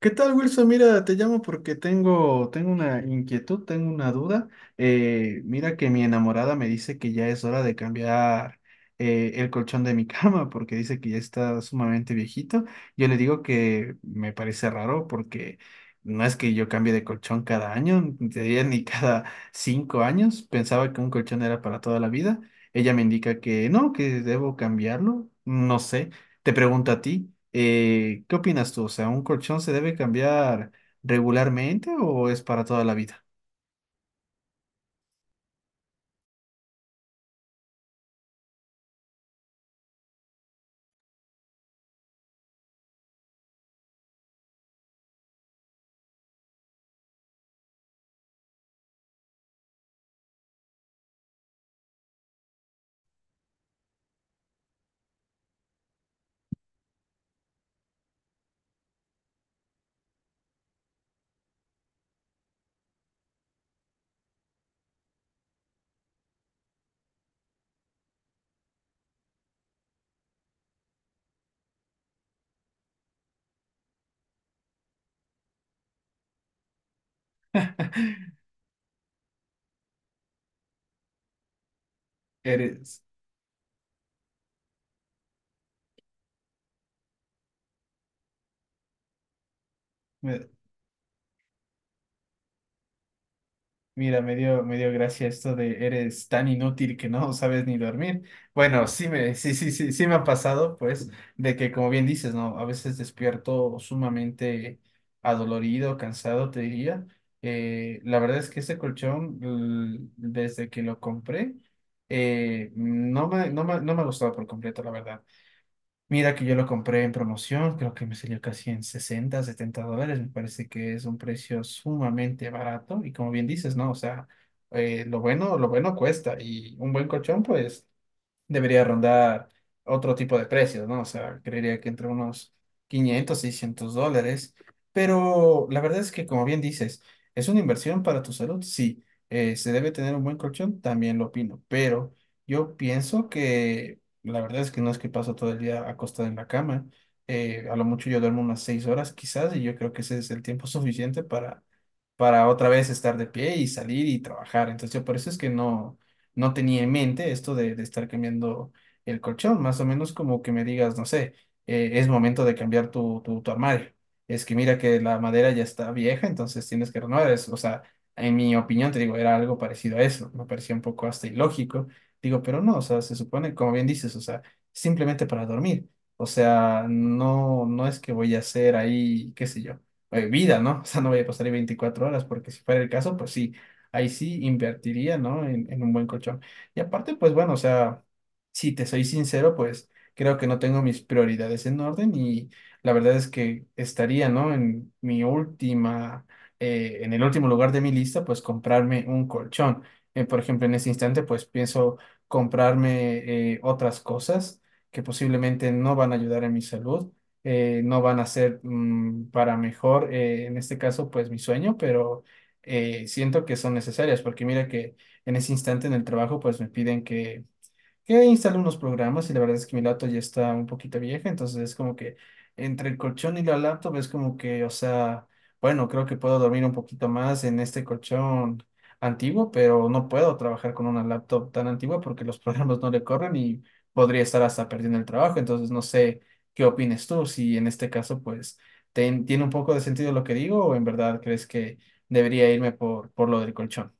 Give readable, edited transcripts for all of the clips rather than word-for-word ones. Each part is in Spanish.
¿Qué tal, Wilson? Mira, te llamo porque tengo una inquietud, tengo una duda. Mira que mi enamorada me dice que ya es hora de cambiar el colchón de mi cama porque dice que ya está sumamente viejito. Yo le digo que me parece raro porque no es que yo cambie de colchón cada año, ni te diría ni cada 5 años. Pensaba que un colchón era para toda la vida. Ella me indica que no, que debo cambiarlo. No sé. Te pregunto a ti, ¿qué opinas tú? O sea, ¿un colchón se debe cambiar regularmente o es para toda la vida? Eres, me- mira, me dio gracia esto de eres tan inútil que no sabes ni dormir. Bueno, sí me, sí, sí, sí, sí me ha pasado, pues, de que como bien dices, ¿no? A veces despierto sumamente adolorido, cansado, te diría. La verdad es que este colchón, desde que lo compré, no me ha gustado por completo, la verdad. Mira que yo lo compré en promoción, creo que me salió casi en 60, $70, me parece que es un precio sumamente barato y como bien dices, ¿no? O sea, lo bueno cuesta y un buen colchón pues debería rondar otro tipo de precios, ¿no? O sea, creería que entre unos 500, $600. Pero la verdad es que, como bien dices, es una inversión para tu salud, sí. ¿Se debe tener un buen colchón? También lo opino. Pero yo pienso que la verdad es que no es que paso todo el día acostado en la cama. A lo mucho yo duermo unas 6 horas quizás y yo creo que ese es el tiempo suficiente para, otra vez estar de pie y salir y trabajar. Entonces, yo por eso es que no tenía en mente esto de estar cambiando el colchón, más o menos como que me digas, no sé, es momento de cambiar tu armario. Es que mira que la madera ya está vieja, entonces tienes que renovar eso. O sea, en mi opinión, te digo, era algo parecido a eso. Me parecía un poco hasta ilógico. Digo, pero no, o sea, se supone, como bien dices, o sea, simplemente para dormir. O sea, no es que voy a hacer ahí, qué sé yo, vida, ¿no? O sea, no voy a pasar ahí 24 horas, porque si fuera el caso, pues sí ahí sí invertiría, ¿no? En un buen colchón. Y aparte, pues bueno, o sea, si te soy sincero, pues creo que no tengo mis prioridades en orden y la verdad es que estaría, ¿no? En el último lugar de mi lista, pues comprarme un colchón. Por ejemplo, en este instante, pues pienso comprarme otras cosas que posiblemente no van a ayudar en mi salud. No van a ser para mejor, en este caso, pues mi sueño, pero siento que son necesarias, porque mira que en ese instante en el trabajo pues me piden que instalé unos programas y la verdad es que mi laptop ya está un poquito vieja, entonces es como que entre el colchón y la laptop es como que, o sea, bueno, creo que puedo dormir un poquito más en este colchón antiguo, pero no puedo trabajar con una laptop tan antigua porque los programas no le corren y podría estar hasta perdiendo el trabajo, entonces no sé qué opines tú, si en este caso pues tiene un poco de sentido lo que digo o en verdad crees que debería irme por lo del colchón.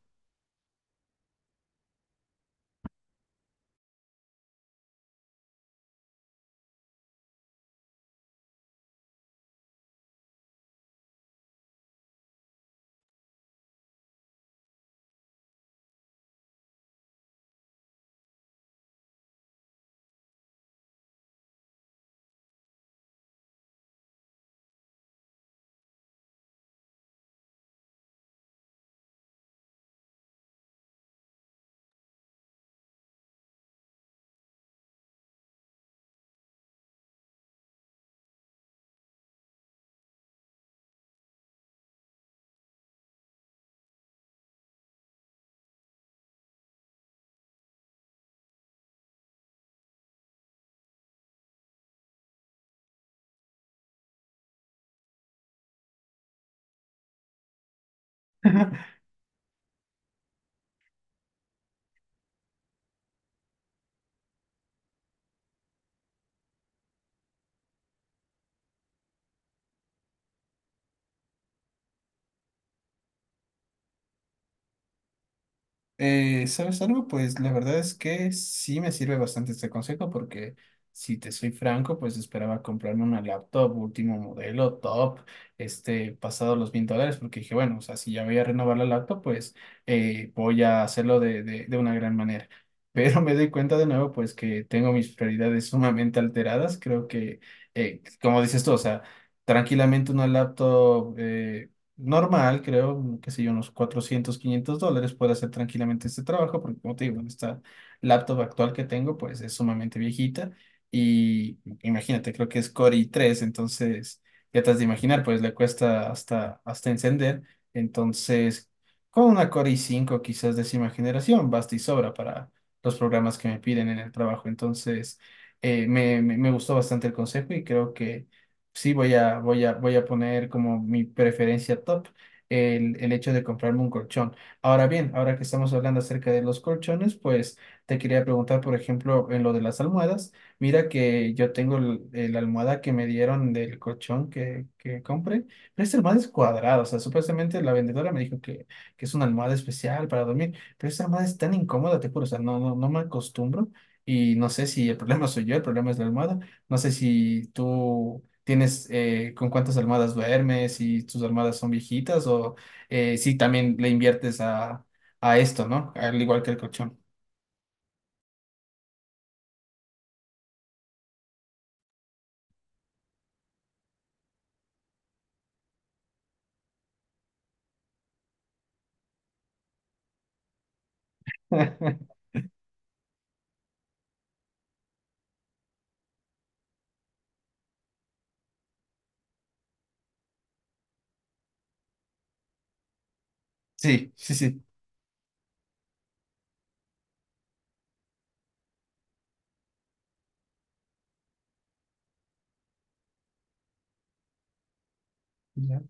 ¿Sabes algo? Pues la verdad es que sí me sirve bastante este consejo porque si te soy franco, pues esperaba comprarme una laptop último modelo, top, pasado los $1.000, porque dije, bueno, o sea, si ya voy a renovar la laptop, pues voy a hacerlo de una gran manera. Pero me doy cuenta de nuevo, pues que tengo mis prioridades sumamente alteradas. Creo que, como dices tú, o sea, tranquilamente una laptop, normal, creo, qué sé yo, unos 400 $500, puedo hacer tranquilamente este trabajo, porque como te digo, en esta laptop actual que tengo, pues es sumamente viejita y imagínate, creo que es Core i3, entonces ya te has de imaginar, pues le cuesta hasta encender, entonces con una Core i5, quizás décima generación, basta y sobra para los programas que me piden en el trabajo, entonces me gustó bastante el consejo y creo que sí voy a poner como mi preferencia top el hecho de comprarme un colchón. Ahora bien, ahora que estamos hablando acerca de los colchones, pues te quería preguntar, por ejemplo, en lo de las almohadas. Mira que yo tengo la almohada que me dieron del colchón que compré, pero esta almohada es cuadrada, o sea, supuestamente la vendedora me dijo que es una almohada especial para dormir, pero esta almohada es tan incómoda, te juro, o sea, no me acostumbro. Y no sé si el problema soy yo, el problema es la almohada. No sé si tú tienes con cuántas almohadas duermes, si tus almohadas son viejitas o si también le inviertes a, esto, ¿no? Al igual que el colchón. Sí, sí, sí. Ya.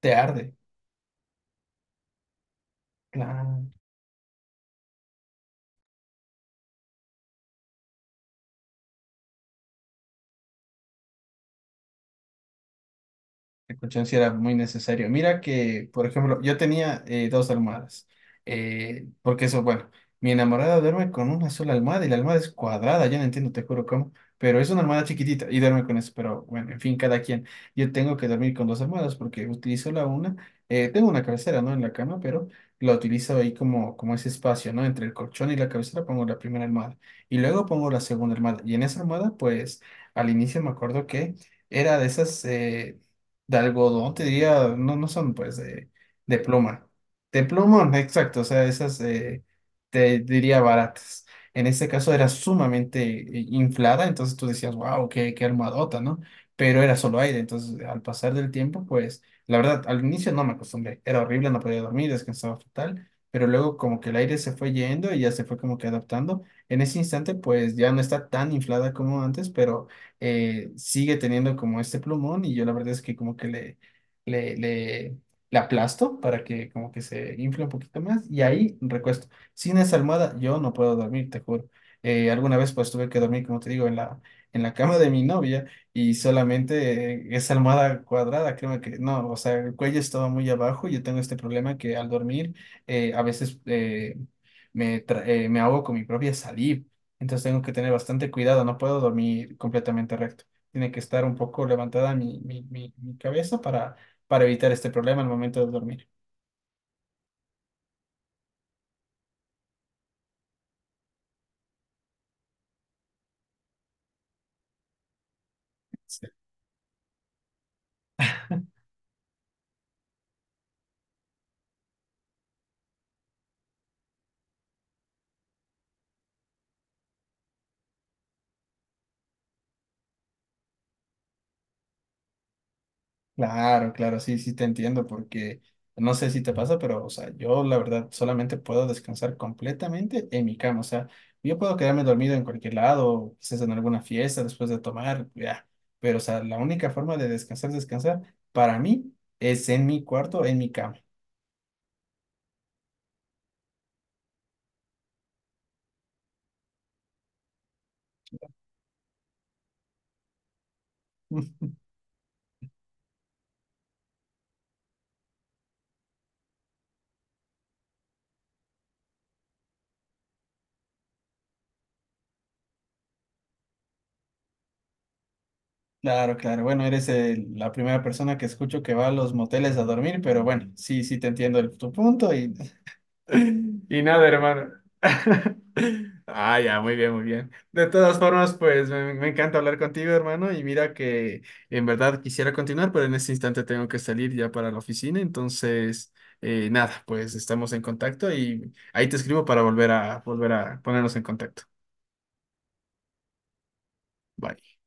Te arde. Claro. La colchón sí era muy necesario. Mira que, por ejemplo, yo tenía dos almohadas. Porque eso, bueno, mi enamorada duerme con una sola almohada y la almohada es cuadrada, yo no entiendo, te juro cómo, pero es una almohada chiquitita y duerme con eso. Pero bueno, en fin, cada quien. Yo tengo que dormir con dos almohadas porque utilizo la una. Tengo una cabecera, ¿no? En la cama, pero la utilizo ahí como, ese espacio, ¿no? Entre el colchón y la cabecera pongo la primera almohada y luego pongo la segunda almohada. Y en esa almohada, pues, al inicio me acuerdo que era de esas, de algodón, te diría, no son pues de pluma. De pluma, exacto, o sea, esas te diría baratas. En este caso era sumamente inflada, entonces tú decías, wow, qué almohadota, ¿no? Pero era solo aire, entonces al pasar del tiempo, pues la verdad, al inicio no me acostumbré, era horrible, no podía dormir, descansaba fatal, pero luego como que el aire se fue yendo y ya se fue como que adaptando. En ese instante, pues ya no está tan inflada como antes, pero sigue teniendo como este plumón y yo la verdad es que como que le, le, le aplasto para que como que se infle un poquito más y ahí recuesto. Sin esa almohada yo no puedo dormir, te juro. Alguna vez pues tuve que dormir, como te digo, en la, cama de mi novia y solamente esa almohada cuadrada, creo que no, o sea, el cuello estaba muy abajo y yo tengo este problema que al dormir a veces, me ahogo con mi propia saliva. Entonces tengo que tener bastante cuidado, no puedo dormir completamente recto. Tiene que estar un poco levantada mi cabeza para evitar este problema al momento de dormir. Sí. Claro, claro, sí, sí te entiendo porque no sé si te pasa, pero o sea, yo la verdad solamente puedo descansar completamente en mi cama. O sea, yo puedo quedarme dormido en cualquier lado, quizás en alguna fiesta después de tomar, ya. Pero o sea, la única forma de descansar, descansar, para mí es en mi cuarto, en mi cama. Claro, claro. Bueno, eres la primera persona que escucho que va a los moteles a dormir, pero bueno, sí, sí te entiendo tu punto y... Y nada, hermano. Ah, ya, muy bien, muy bien. De todas formas, pues me encanta hablar contigo, hermano. Y mira que en verdad quisiera continuar, pero en este instante tengo que salir ya para la oficina. Entonces, nada, pues estamos en contacto y ahí te escribo para volver a ponernos en contacto. Bye.